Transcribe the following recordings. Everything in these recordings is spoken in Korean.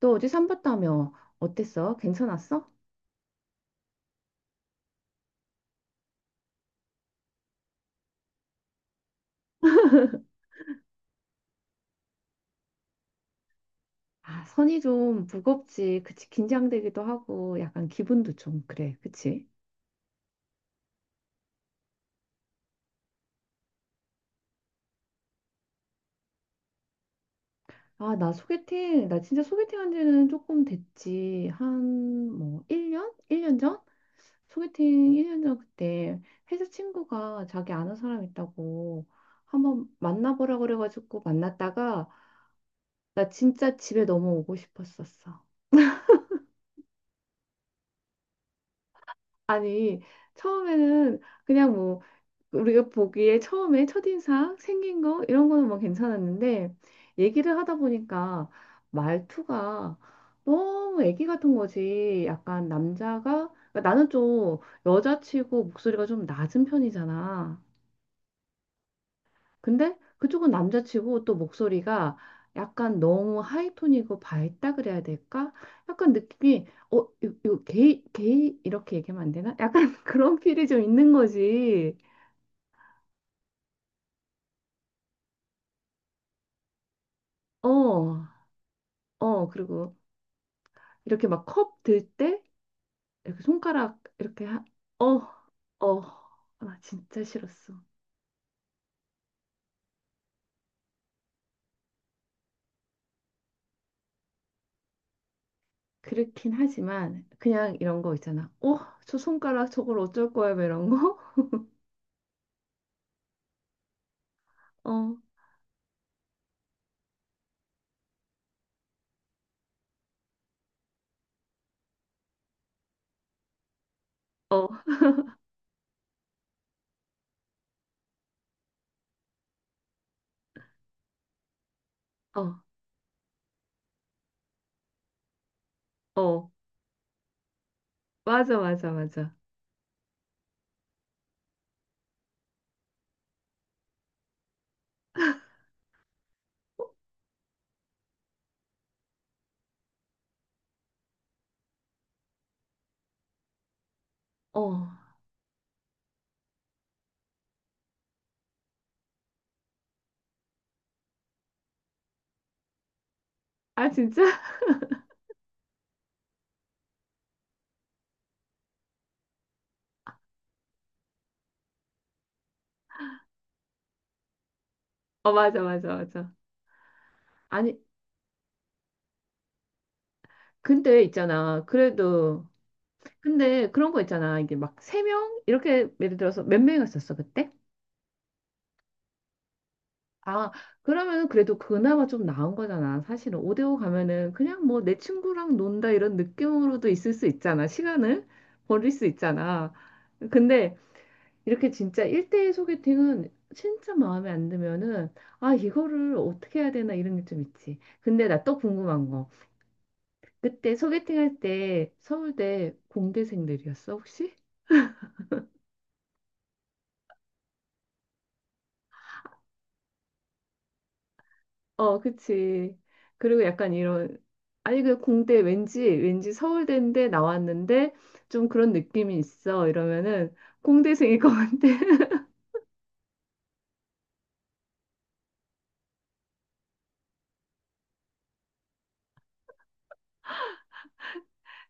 너 어제 산 봤다며. 어땠어? 괜찮았어? 아, 선이 좀 무겁지. 그치. 긴장되기도 하고, 약간 기분도 좀 그래. 그치? 아, 나 진짜 소개팅 한 지는 조금 됐지. 한, 뭐, 1년? 1년 전? 소개팅 1년 전 그때 회사 친구가 자기 아는 사람 있다고 한번 만나보라 그래가지고 만났다가 나 진짜 집에 넘어오고 싶었었어. 아니, 처음에는 그냥 뭐, 우리가 보기에 처음에 첫인상 생긴 거 이런 거는 뭐 괜찮았는데 얘기를 하다 보니까 말투가 너무 애기 같은 거지. 약간 남자가 그러니까 나는 좀 여자치고 목소리가 좀 낮은 편이잖아. 근데 그쪽은 남자치고 또 목소리가 약간 너무 하이톤이고 밝다 그래야 될까? 약간 느낌이 요 게이 게이 이렇게 얘기하면 안 되나? 약간 그런 필이 좀 있는 거지. 어. 어, 그리고 이렇게 막 컵 들 때 이렇게 손가락 이렇게 하, 어, 어, 나 진짜 싫었어. 그렇긴 하지만 그냥 이런 거 있잖아. 어, 저 손가락 저걸 어쩔 거야 뭐 이런 거. 어, 어, 어, 어, 맞아, 맞아, 맞아. 어, 아 진짜? 어, 맞아, 맞아, 맞아. 아니, 근데 있잖아. 그래도 근데 그런 거 있잖아. 이게 막 세 명 이렇게 예를 들어서 몇 명이었었어 그때? 아, 그러면 그래도 그나마 좀 나은 거잖아. 사실은 5대5 가면은 그냥 뭐 내 친구랑 논다 이런 느낌으로도 있을 수 있잖아. 시간을 버릴 수 있잖아. 근데 이렇게 진짜 1대1 소개팅은 진짜 마음에 안 들면은 아, 이거를 어떻게 해야 되나 이런 게 좀 있지. 근데 나 또 궁금한 거. 그때 소개팅 할 때 서울대 공대생들이었어, 혹시? 어, 그치. 그리고 약간 이런, 아니, 그 공대 왠지 서울대인데 나왔는데 좀 그런 느낌이 있어. 이러면은 공대생일 것 같아.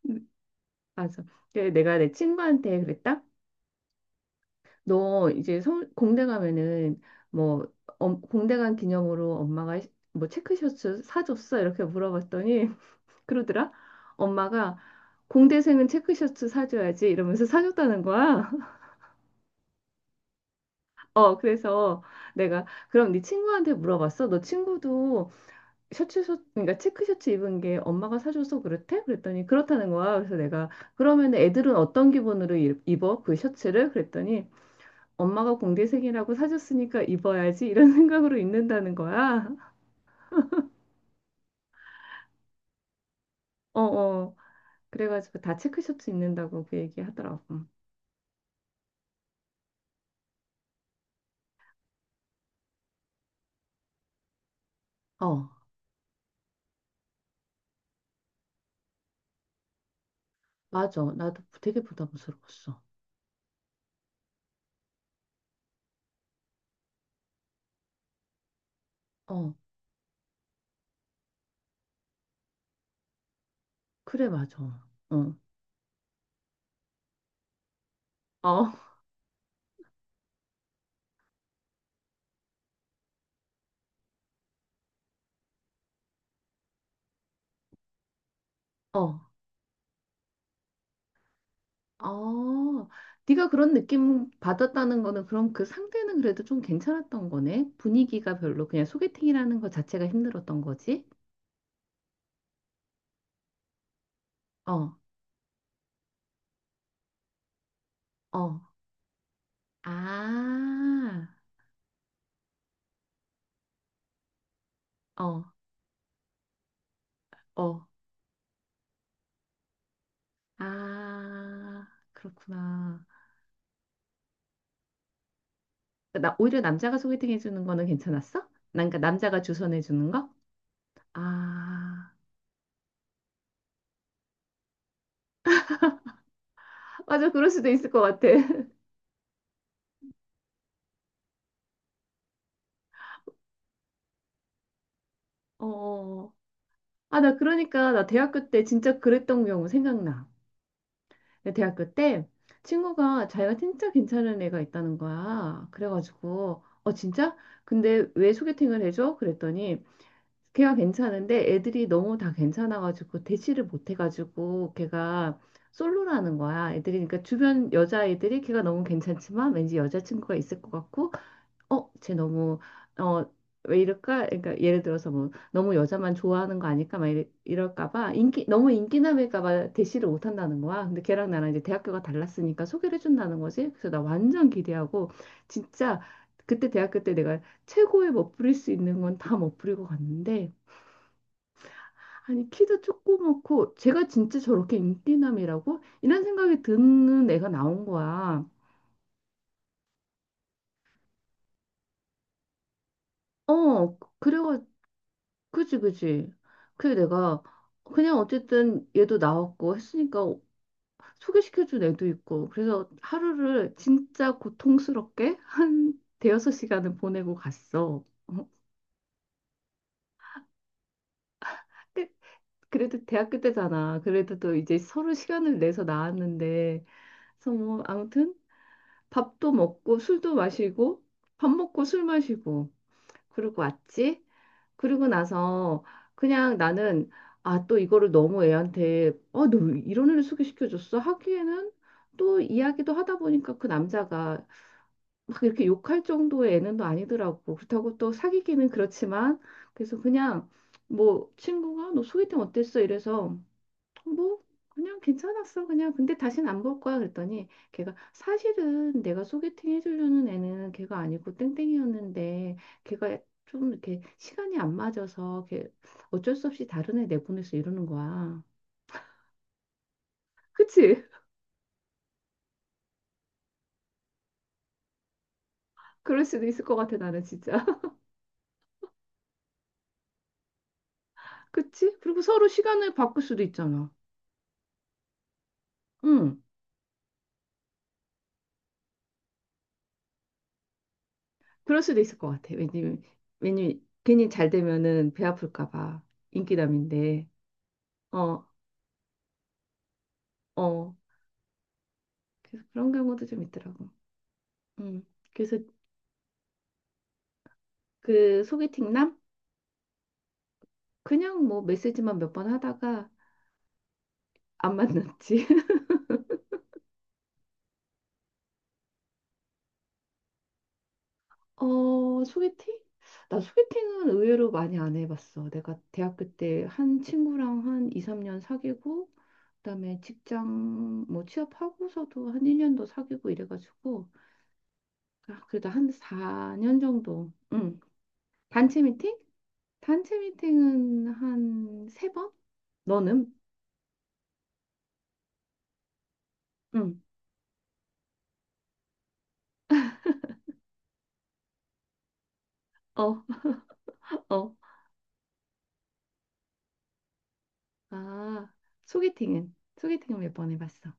맞아. 그래, 내가 내 친구한테 그랬다. 너 이제 공대 가면은 뭐, 어, 공대 간 기념으로 엄마가 뭐 체크셔츠 사줬어? 이렇게 물어봤더니 그러더라. 엄마가 공대생은 체크셔츠 사줘야지 이러면서 사줬다는 거야. 어, 그래서 내가 그럼 네 친구한테 물어봤어? 너 친구도 셔츠, 셔 그러니까 체크 셔츠 입은 게 엄마가 사줘서 그렇대? 그랬더니 그렇다는 거야. 그래서 내가 그러면 애들은 어떤 기분으로 입어? 그 셔츠를? 그랬더니 엄마가 공대생이라고 사줬으니까 입어야지 이런 생각으로 입는다는 거야. 어, 어. 그래가지고 다 체크 셔츠 입는다고 그 얘기 하더라고. 어, 맞아. 나도 되게 부담스러웠어. 어, 그래, 맞아. 어, 어, 어. 아, 네가 그런 느낌 받았다는 거는 그럼 그 상대는 그래도 좀 괜찮았던 거네. 분위기가 별로 그냥 소개팅이라는 거 자체가 힘들었던 거지. 어, 어, 아, 어, 어, 아, 그렇구나. 나 오히려 남자가 소개팅 해주는 거는 괜찮았어? 난 그러니까 남자가 주선해 주는 거? 아, 맞아, 그럴 수도 있을 것 같아. 어, 아, 나 그러니까 나 대학교 때 진짜 그랬던 경우 생각나. 근데 대학교 때 친구가 자기가 진짜 괜찮은 애가 있다는 거야. 그래가지고 어 진짜? 근데 왜 소개팅을 해줘? 그랬더니 걔가 괜찮은데 애들이 너무 다 괜찮아가지고 대시를 못 해가지고 걔가 솔로라는 거야. 애들이 그러니까 주변 여자애들이 걔가 너무 괜찮지만 왠지 여자친구가 있을 것 같고 어, 쟤 너무 어, 왜 이럴까? 그러니까 예를 들어서 뭐 너무 여자만 좋아하는 거 아닐까? 막 이럴까 봐 인기 너무 인기남일까 봐 대시를 못 한다는 거야. 근데 걔랑 나랑 이제 대학교가 달랐으니까 소개를 해준다는 거지. 그래서 나 완전 기대하고 진짜 그때 대학교 때 내가 최고의 멋부릴 수 있는 건 다 멋부리고 갔는데 아니 키도 조그맣고 제가 진짜 저렇게 인기남이라고 이런 생각이 드는 애가 나온 거야. 어, 그래. 그지, 그지. 그게 내가 그냥 어쨌든 얘도 나왔고 했으니까 소개시켜준 애도 있고 그래서 하루를 진짜 고통스럽게 한 대여섯 시간을 보내고 갔어. 그- 그래도 대학교 때잖아. 그래도 또 이제 서로 시간을 내서 나왔는데 그래서 뭐 아무튼 밥도 먹고 술도 마시고 밥 먹고 술 마시고 그러고 왔지. 그리고 나서 그냥 나는 아, 또 이거를 너무 애한테 어, 너왜 이런 애를 소개시켜줬어? 하기에는 또 이야기도 하다 보니까 그 남자가 막 이렇게 욕할 정도의 애는 또 아니더라고. 그렇다고 또 사귀기는 그렇지만 그래서 그냥 뭐 친구가 너 소개팅 어땠어? 이래서 뭐 그냥 괜찮았어. 그냥 근데 다시는 안 볼 거야. 그랬더니 걔가 사실은 내가 소개팅 해주려는 애는 걔가 아니고 땡땡이었는데 걔가 좀 이렇게 시간이 안 맞아서 걔 어쩔 수 없이 다른 애 내보냈어 이러는 거야. 그치? 그럴 수도 있을 것 같아. 나는 진짜 그치? 그리고 서로 시간을 바꿀 수도 있잖아. 응. 그럴 수도 있을 것 같아. 왜냐면 괜히 잘 되면은 배 아플까 봐. 인기남인데. 어, 어. 그래서 그런 경우도 좀 있더라고. 음. 그래서 그 소개팅남? 그냥 뭐 메시지만 몇 번 하다가 안 만났지. 어, 소개팅? 나 소개팅은 의외로 많이 안 해봤어. 내가 대학교 때 한 친구랑 한 2, 3년 사귀고, 그다음에 직장 뭐 취업하고서도 한 1년 더 사귀고 이래가지고, 아, 그래도 한 4년 정도. 응. 단체 미팅? 단체 미팅은 한 세번. 너는? 응. 어, 어. 아, 소개팅은? 소개팅은 몇 번 해봤어.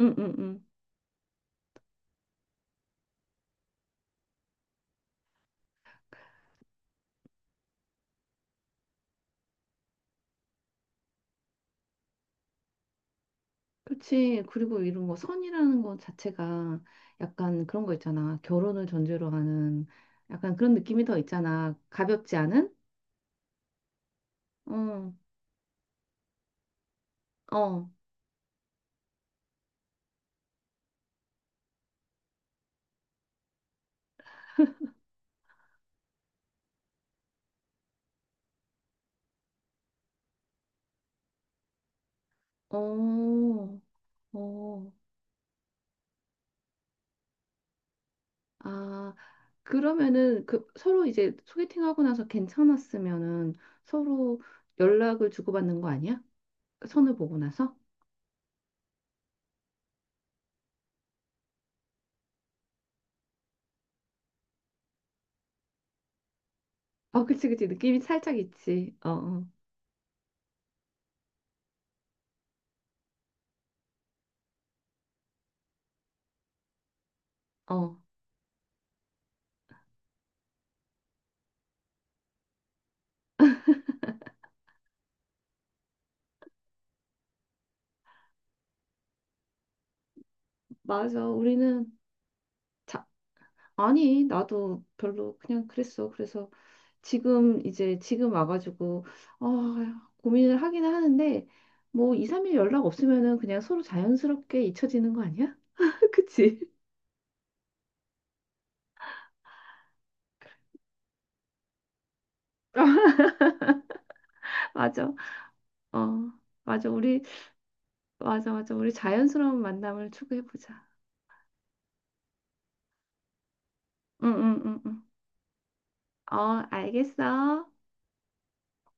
응, 응, 응. 그렇지. 그리고 이런 거 선이라는 거 자체가 약간 그런 거 있잖아. 결혼을 전제로 하는 약간 그런 느낌이 더 있잖아. 가볍지 않은? 어, 어, 어, 어. 아, 그러면은 그 서로 이제 소개팅하고 나서 괜찮았으면은 서로 연락을 주고받는 거 아니야? 선을 보고 나서? 어, 그치, 그치. 느낌이 살짝 있지. 어, 어, 어. 맞아. 우리는 자, 아니, 나도 별로 그냥 그랬어. 그래서 지금 와가지고, 아, 고민을 하기는 하는데, 뭐 2, 3일 연락 없으면은 그냥 서로 자연스럽게 잊혀지는 거 아니야? 그치? 맞아. 어, 맞아. 우리, 맞아, 맞아. 우리 자연스러운 만남을 추구해보자. 응, 응, 응, 응. 어, 알겠어.